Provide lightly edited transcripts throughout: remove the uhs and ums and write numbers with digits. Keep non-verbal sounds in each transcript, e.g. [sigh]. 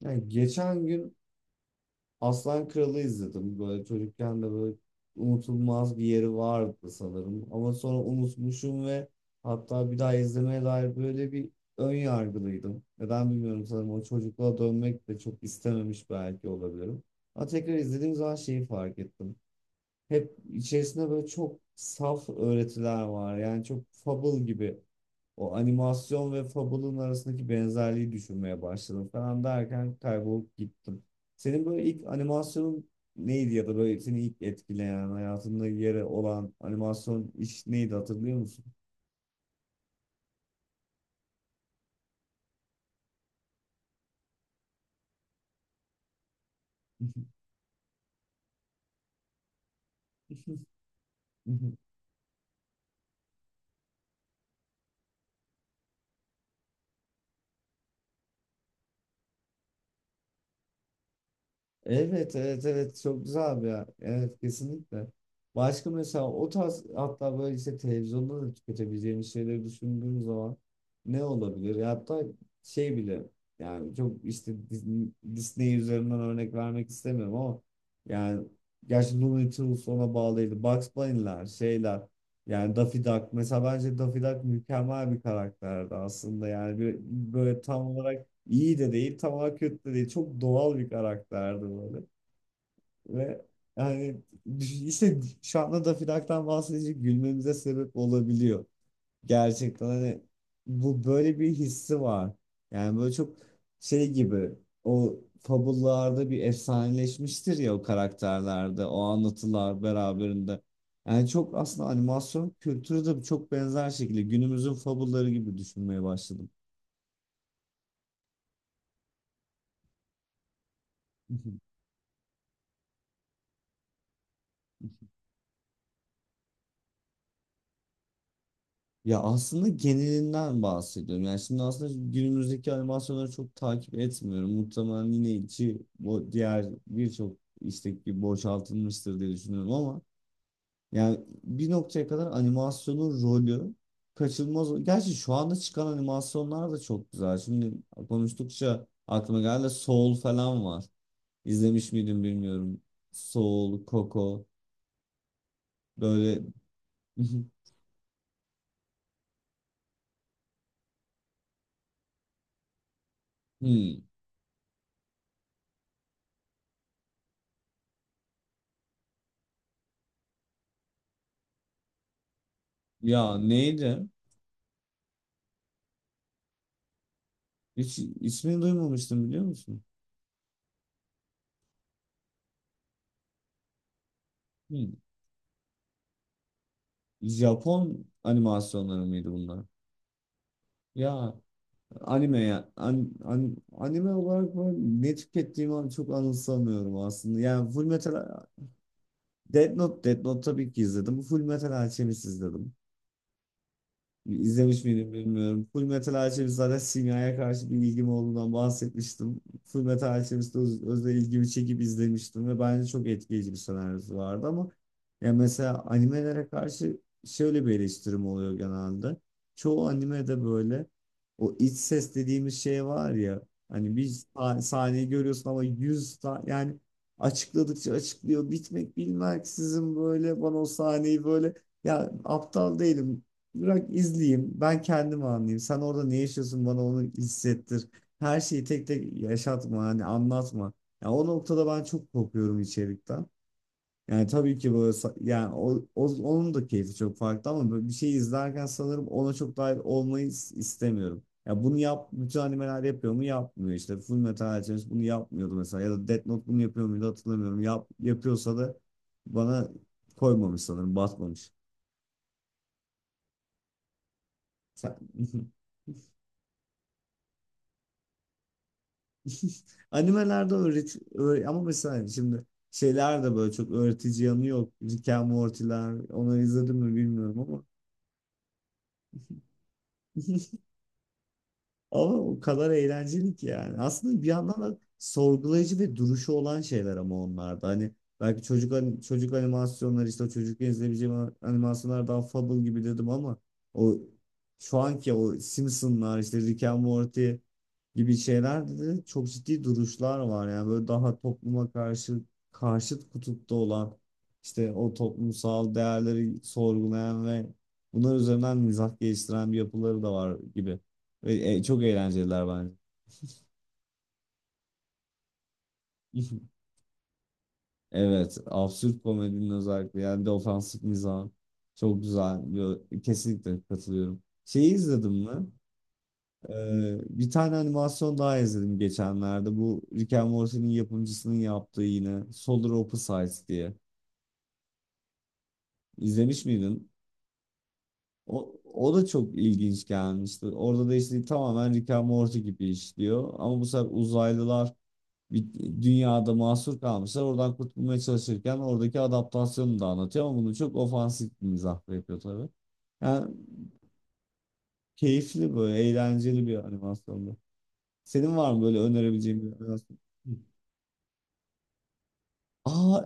Yani geçen gün Aslan Kralı izledim. Böyle çocukken de böyle unutulmaz bir yeri vardı sanırım. Ama sonra unutmuşum ve hatta bir daha izlemeye dair böyle bir ön yargılıydım. Neden bilmiyorum, sanırım o çocukluğa dönmek de çok istememiş belki olabilirim. Ama tekrar izlediğim zaman şeyi fark ettim. Hep içerisinde böyle çok saf öğretiler var. Yani çok fable gibi. O animasyon ve Fable'ın arasındaki benzerliği düşünmeye başladım falan derken kaybolup gittim. Senin böyle ilk animasyonun neydi ya da böyle seni ilk etkileyen, hayatında yeri olan animasyon iş neydi, hatırlıyor musun? [laughs] Evet, evet, evet, çok güzel abi ya. Evet, kesinlikle. Başka mesela o tarz, hatta böyle işte televizyonda da tüketebileceğimiz şeyleri düşündüğüm zaman ne olabilir? Ya hatta şey bile, yani çok işte Disney üzerinden örnek vermek istemiyorum ama yani, gerçi Looney Tunes ona bağlıydı. Bugs Bunny'ler, şeyler, yani Daffy Duck mesela, bence Daffy Duck mükemmel bir karakterdi aslında, yani bir, böyle tam olarak İyi de değil, tamam, kötü de değil. Çok doğal bir karakterdi böyle. Ve yani işte şu anda Daffy Duck'tan bahsedince gülmemize sebep olabiliyor. Gerçekten hani bu, böyle bir hissi var. Yani böyle çok şey gibi, o fabullarda bir efsaneleşmiştir ya o karakterlerde, o anlatılar beraberinde. Yani çok aslında animasyon kültürü de çok benzer şekilde günümüzün fabulları gibi düşünmeye başladım. [laughs] Ya aslında genelinden bahsediyorum. Yani şimdi aslında günümüzdeki animasyonları çok takip etmiyorum. Muhtemelen yine içi bu diğer birçok istek gibi boşaltılmıştır diye düşünüyorum ama yani bir noktaya kadar animasyonun rolü kaçınılmaz. Gerçi şu anda çıkan animasyonlar da çok güzel. Şimdi konuştukça aklıma geldi, Soul falan var. İzlemiş miydim bilmiyorum. Soul, Coco, böyle [laughs] hmm. Ya neydi? Hiç ismini duymamıştım, biliyor musun? Hı. Japon animasyonları mıydı bunlar? Ya anime ya anime olarak ben ne tükettiğimi çok anımsamıyorum aslında. Yani Full Metal. Death Note, Death Note tabii ki izledim. Full Metal Alchemist izledim. İzlemiş miydim bilmiyorum. Full Metal Alchemist zaten, simyaya karşı bir ilgim olduğundan bahsetmiştim. Full Metal Alchemist'te özel ilgimi çekip izlemiştim ve bence çok etkileyici bir senaryosu vardı ama ya mesela animelere karşı şöyle bir eleştirim oluyor genelde. Çoğu animede böyle o iç ses dediğimiz şey var ya, hani bir sahneyi görüyorsun ama yani açıkladıkça açıklıyor, bitmek bilmeksizin, böyle bana o sahneyi böyle, ya aptal değilim. Bırak izleyeyim. Ben kendim anlayayım. Sen orada ne yaşıyorsun, bana onu hissettir. Her şeyi tek tek yaşatma, hani anlatma. Ya o noktada ben çok korkuyorum içerikten. Yani tabii ki böyle yani onun da keyfi çok farklı ama böyle bir şey izlerken sanırım ona çok dahil olmayı istemiyorum. Ya bunu yap, bütün animeler yapıyor mu? Yapmıyor işte. Full Metal Alchemist bunu yapmıyordu mesela, ya da Death Note bunu yapıyor muydu hatırlamıyorum. Yapıyorsa da bana koymamış sanırım, batmamış. Sen... [laughs] [laughs] Animelerde ama mesela şimdi şeyler de böyle çok öğretici yanı yok. Rick and Morty'ler, onları izledim mi bilmiyorum ama. [laughs] Ama o kadar eğlenceli ki yani. Aslında bir yandan da sorgulayıcı ve duruşu olan şeyler ama onlarda. Hani belki çocuk animasyonları, işte o çocukken izleyebileceğim animasyonlar daha Fable gibi dedim ama o şu anki o Simpsonlar, işte Rick and Morty gibi şeylerde de çok ciddi duruşlar var. Yani böyle daha topluma karşı, karşıt kutupta olan, işte o toplumsal değerleri sorgulayan ve bunlar üzerinden mizah geliştiren bir yapıları da var gibi. Ve, çok eğlenceliler bence. [laughs] Evet, absürt komedinin özellikle, yani defansif mizah çok güzel. Yo, kesinlikle katılıyorum. Şeyi izledim mi? Bir tane animasyon daha izledim geçenlerde. Bu Rick and Morty'nin yapımcısının yaptığı, yine Solar Opposites diye. İzlemiş miydin? O, o da çok ilginç gelmişti. Orada da işte tamamen Rick and Morty gibi işliyor. Ama bu sefer uzaylılar bir dünyada mahsur kalmışlar. Oradan kurtulmaya çalışırken oradaki adaptasyonu da anlatıyor ama bunu çok ofansif bir mizahla yapıyor tabii. Yani keyifli, böyle eğlenceli bir animasyondu. Senin var mı böyle önerebileceğin bir animasyon? Hı. Aa,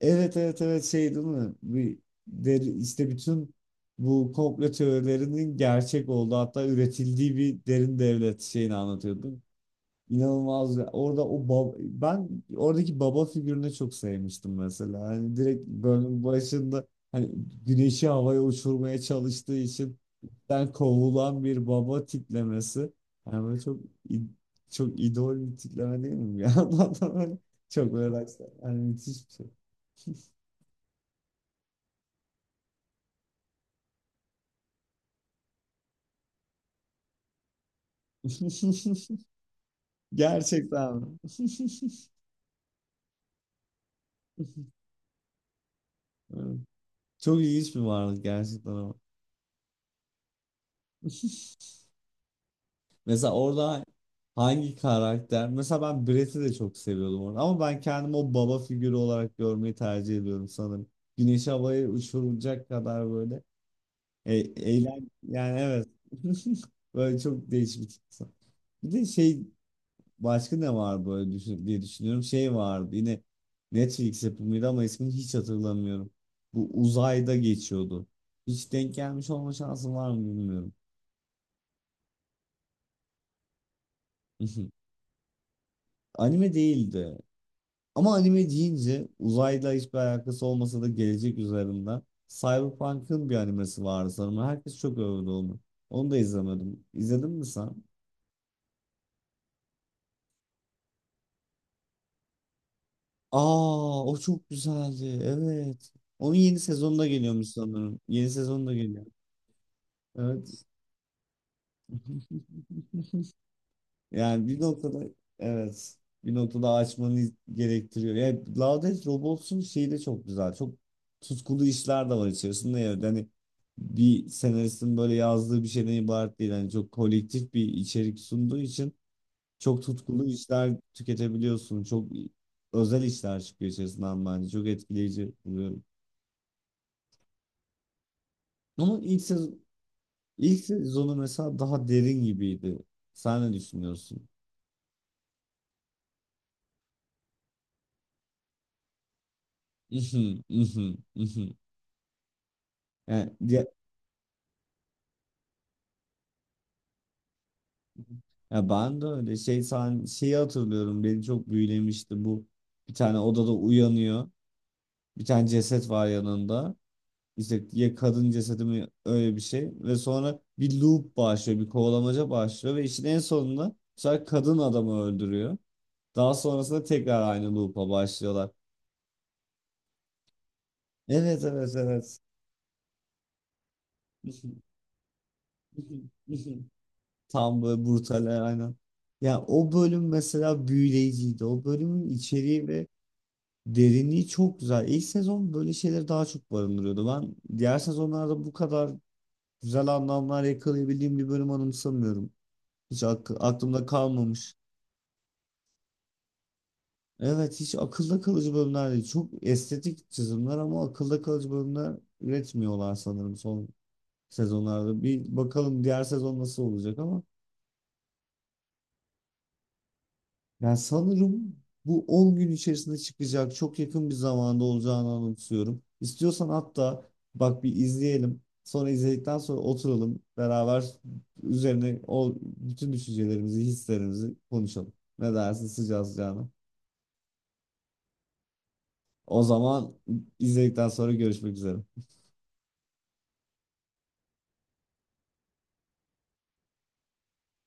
evet, evet, evet, şey değil mi? Bir, der, işte bütün bu komplo teorilerinin gerçek olduğu, hatta üretildiği bir derin devlet şeyini anlatıyordu. İnanılmaz ya. Orada o ben oradaki baba figürünü çok sevmiştim mesela. Hani direkt bölüm başında, hani güneşi havaya uçurmaya çalıştığı için ben kovulan bir baba tiplemesi. Yani böyle çok i- çok idol bir tipleme değil mi? Ya [laughs] adam çok böyle, yani müthiş bir şey. [laughs] Gerçekten. [laughs] Evet. Çok ilginç bir varlık gerçekten ama. [laughs] Mesela orada hangi karakter? Mesela ben Brett'i de çok seviyordum orada. Ama ben kendimi o baba figürü olarak görmeyi tercih ediyorum sanırım. Güneş havaya uçurulacak kadar böyle. Eğlen, yani evet. [laughs] Böyle çok değişik bir tip. Bir de şey, başka ne var böyle düşün, diye düşünüyorum. Şey vardı yine, Netflix yapımıydı ama ismini hiç hatırlamıyorum. Bu uzayda geçiyordu. Hiç denk gelmiş olma şansım var mı bilmiyorum. [laughs] Anime değildi. Ama anime deyince, uzayla hiçbir alakası olmasa da, gelecek üzerinden Cyberpunk'ın bir animesi vardı sanırım. Herkes çok övdü onu. Onu da izlemedim. İzledin mi sen? Aa, o çok güzeldi. Evet. Onun yeni sezonu da geliyormuş sanırım. Yeni sezonu da geliyor. Evet. Yani bir noktada, evet, bir noktada açmanı gerektiriyor. Yani Love Death Robots'un şeyi de çok güzel. Çok tutkulu işler de var içerisinde. Yani hani bir senaristin böyle yazdığı bir şeyden ibaret değil. Yani çok kolektif bir içerik sunduğu için çok tutkulu işler tüketebiliyorsun. Çok özel işler çıkıyor içerisinden bence. Çok etkileyici buluyorum. Ama ilk sezon, ilk sezonu mesela daha derin gibiydi. Sen ne düşünüyorsun? [laughs] Mhm, mhm, mhm. Yani ya ben de öyle, şey, sen, şeyi hatırlıyorum, beni çok büyülemişti bu. Bir tane odada uyanıyor, bir tane ceset var yanında, işte ya kadın cesedi mi, öyle bir şey, ve sonra bir loop başlıyor, bir kovalamaca başlıyor ve işin en sonunda bu sefer kadın adamı öldürüyor, daha sonrasında tekrar aynı loop'a başlıyorlar. Evet, evet, evet. [laughs] Tam böyle brutal, aynen. Ya o bölüm mesela büyüleyiciydi, o bölümün içeriği ve derinliği çok güzel. İlk sezon böyle şeyleri daha çok barındırıyordu. Ben diğer sezonlarda bu kadar güzel anlamlar yakalayabildiğim bir bölüm anımsamıyorum. Hiç aklımda kalmamış. Evet, hiç akılda kalıcı bölümler değil. Çok estetik çizimler ama akılda kalıcı bölümler üretmiyorlar sanırım son sezonlarda. Bir bakalım diğer sezon nasıl olacak ama. Yani sanırım bu 10 gün içerisinde çıkacak. Çok yakın bir zamanda olacağını anımsıyorum. İstiyorsan hatta bak bir izleyelim. Sonra izledikten sonra oturalım beraber üzerine o bütün düşüncelerimizi, hislerimizi konuşalım. Ne dersin sıcağı sıcağına? O zaman izledikten sonra görüşmek üzere.